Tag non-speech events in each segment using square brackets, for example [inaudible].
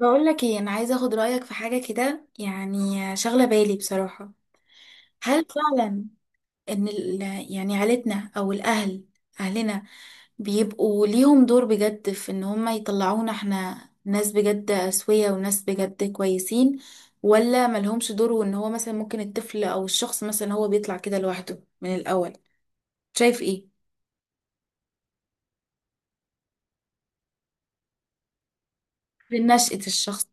بقول لك ايه، انا عايزه اخد رايك في حاجه كده، يعني شغله بالي بصراحه. هل فعلا ان ال- يعني عيلتنا او الاهل، اهلنا بيبقوا ليهم دور بجد في ان هم يطلعونا احنا ناس بجد اسويه وناس بجد كويسين، ولا ملهمش دور وان هو مثلا ممكن الطفل او الشخص مثلا هو بيطلع كده لوحده من الاول؟ شايف ايه؟ في نشأة الشخص.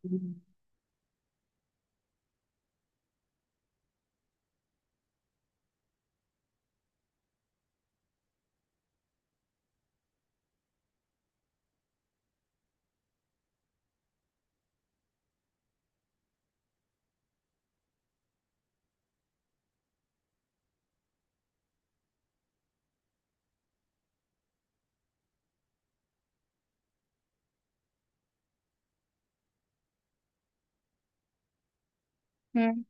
مم.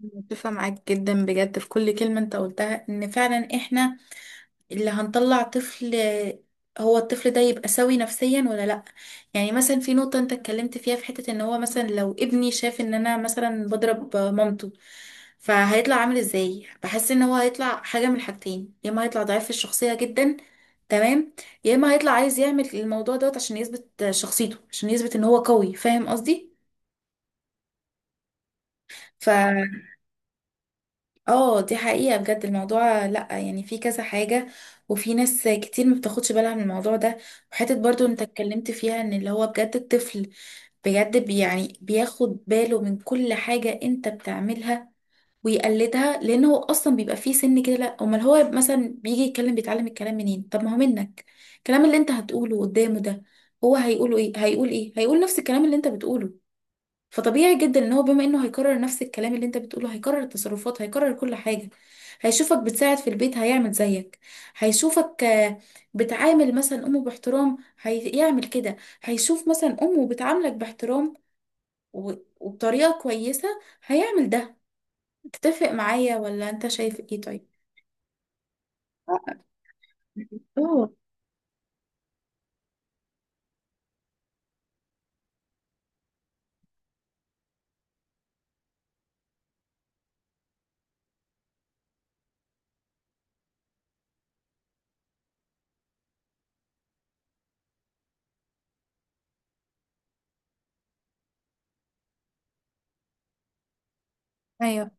متفقة معاك جدا بجد في كل كلمة انت قلتها، ان فعلا احنا اللي هنطلع طفل، هو الطفل ده يبقى سوي نفسيا ولا لا. يعني مثلا في نقطة انت اتكلمت فيها، في حتة ان هو مثلا لو ابني شاف ان انا مثلا بضرب مامته، فهيطلع عامل ازاي؟ بحس ان هو هيطلع حاجة من الحاجتين، يا اما هيطلع ضعيف في الشخصية جدا، تمام، يا اما هيطلع عايز يعمل الموضوع دوت عشان يثبت شخصيته، عشان يثبت ان هو قوي، فاهم قصدي؟ ف اه، دي حقيقة بجد، الموضوع لأ، يعني في كذا حاجة، وفي ناس كتير ما بتاخدش بالها من الموضوع ده. وحتة برضو انت اتكلمت فيها ان اللي هو بجد الطفل بجد، يعني بياخد باله من كل حاجة انت بتعملها ويقلدها، لان هو اصلا بيبقى فيه سن كده، لأ امال هو مثلا بيجي يتكلم، بيتعلم الكلام منين؟ طب ما هو منك. الكلام اللي انت هتقوله قدامه ده، هو هيقوله ايه؟ هيقول ايه؟ هيقول نفس الكلام اللي انت بتقوله. فطبيعي جدا ان هو بما انه هيكرر نفس الكلام اللي انت بتقوله، هيكرر التصرفات، هيكرر كل حاجة. هيشوفك بتساعد في البيت هيعمل زيك. هيشوفك آه، بتعامل مثلا امه باحترام، هيعمل كده. هيشوف مثلا امه بتعاملك باحترام و- وبطريقة كويسة، هيعمل ده. تتفق معايا ولا انت شايف ايه؟ طيب. اه، ايوه،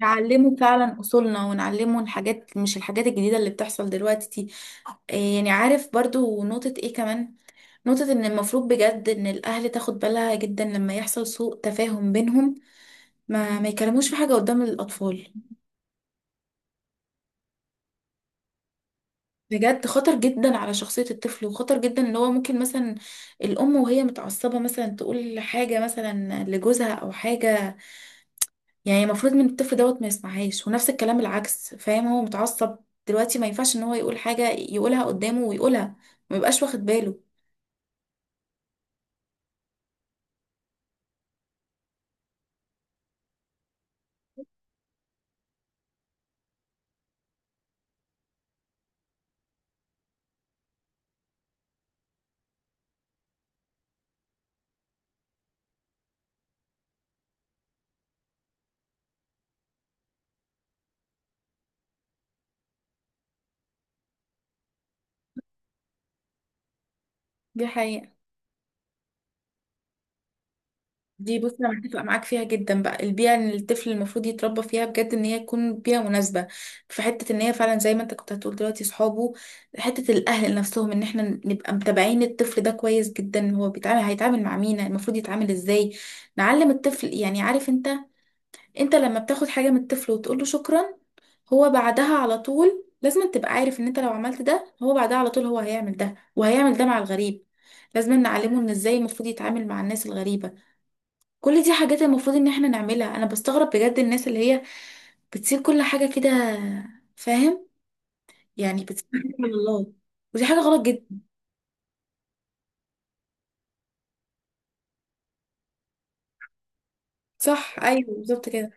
نعلمه فعلا اصولنا ونعلمه الحاجات، مش الحاجات الجديدة اللي بتحصل دلوقتي دي. آه، يعني عارف برضو نقطة ايه كمان؟ نقطة إن المفروض بجد إن الأهل تاخد بالها جدا لما يحصل سوء تفاهم بينهم، ما ما يكلموش في حاجة قدام الأطفال. بجد خطر جدا على شخصية الطفل، وخطر جدا إن هو ممكن مثلا الأم وهي متعصبة مثلا تقول حاجة مثلا لجوزها أو حاجة، يعني المفروض من الطفل دوت ما يسمعهاش، ونفس الكلام العكس، فاهم، هو متعصب دلوقتي، ما ينفعش إن هو يقول حاجة يقولها قدامه ويقولها، ما يبقاش واخد باله. دي حقيقة. دي بص، انا متفقه معاك فيها جدا بقى، البيئه اللي الطفل المفروض يتربى فيها بجد ان هي تكون بيئه مناسبه، في حته ان هي فعلا زي ما انت كنت هتقول دلوقتي صحابه، حته الاهل نفسهم، ان احنا نبقى متابعين الطفل ده كويس جدا، هو بيتعامل هيتعامل مع مين؟ المفروض يتعامل ازاي؟ نعلم الطفل، يعني عارف انت، انت لما بتاخد حاجه من الطفل وتقول له شكرا، هو بعدها على طول لازم تبقى عارف ان انت لو عملت ده، هو بعدها على طول هو هيعمل ده وهيعمل ده مع الغريب. لازم نعلمه ان ازاي المفروض يتعامل مع الناس الغريبه. كل دي حاجات المفروض ان احنا نعملها. انا بستغرب بجد الناس اللي هي بتسيب كل حاجة كده، فاهم؟ يعني بتسيب حاجة من الله، ودي حاجة غلط جدا. صح، ايوه بالظبط كده.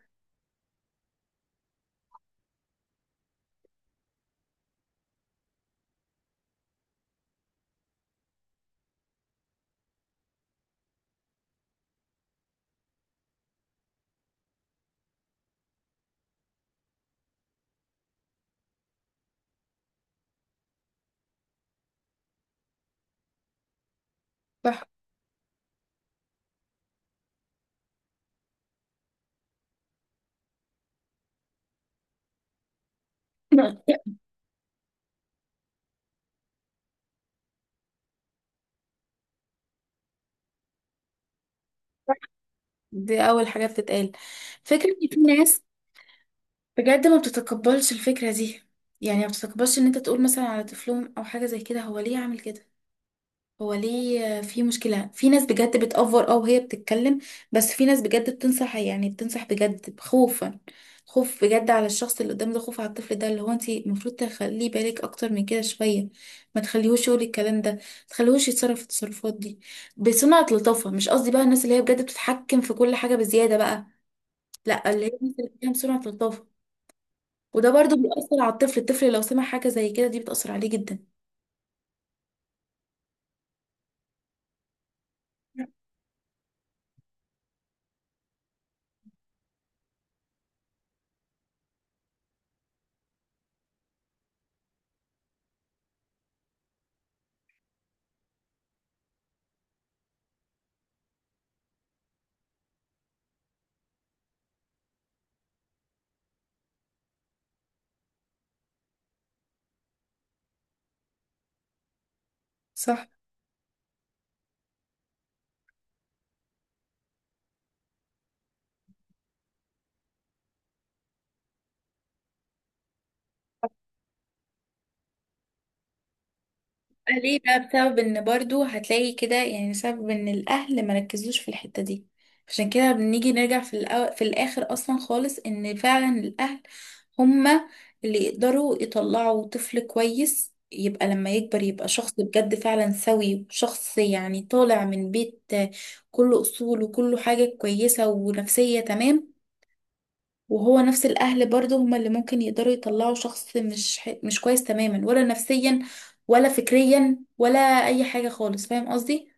صح. [laughs] دي اول حاجة بتتقال. فكرة ان في ناس بجد ما بتتقبلش الفكرة دي، يعني ما بتتقبلش ان انت تقول مثلا على طفلهم او حاجة زي كده، هو ليه عامل كده؟ هو ليه في مشكلة؟ في ناس بجد بتأفور اه وهي بتتكلم، بس في ناس بجد بتنصح، يعني بتنصح بجد خوفا، خوف بجد على الشخص اللي قدام ده، خوف على الطفل ده، اللي هو انت المفروض تخليه بالك اكتر من كده شوية، ما تخليهوش يقول الكلام ده، ما تخليهوش يتصرف التصرفات دي. بصنعة لطافة، مش قصدي بقى الناس اللي هي بجد بتتحكم في كل حاجة بزيادة بقى، لا، اللي هي الناس اللي فيها بصنعة لطافة. وده برضو بيأثر على الطفل، الطفل لو سمع حاجة زي كده، دي بتأثر عليه جدا. صح. ليه بقى؟ بسبب ان برضو هتلاقي كده، يعني سبب ان الاهل مركزوش في الحتة دي. عشان كده بنيجي نرجع في في الاخر اصلا خالص، ان فعلا الاهل هما اللي يقدروا يطلعوا طفل كويس يبقى لما يكبر يبقى شخص بجد فعلا سوي، وشخص يعني طالع من بيت كله اصول وكله حاجة كويسة ونفسية تمام. وهو نفس الأهل برضه هما اللي ممكن يقدروا يطلعوا شخص مش مش كويس تماما، ولا نفسيا ولا فكريا ولا أي حاجة خالص، فاهم قصدي؟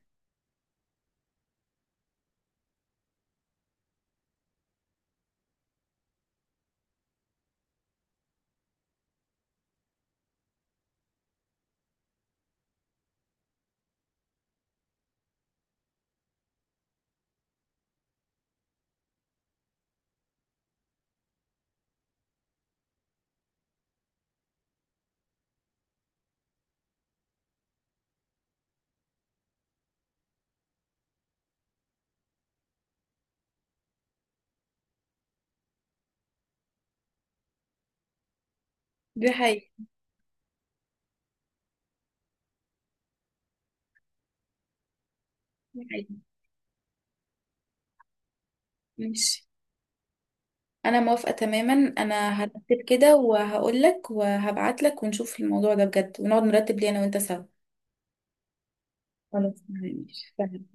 دي حقيقة. دي حقيقة. ماشي. أنا موافقة تماما، أنا هرتب كده وهقولك وهبعتلك ونشوف الموضوع ده بجد، ونقعد نرتب ليه أنا وأنت سوا. خلاص تمام، ماشي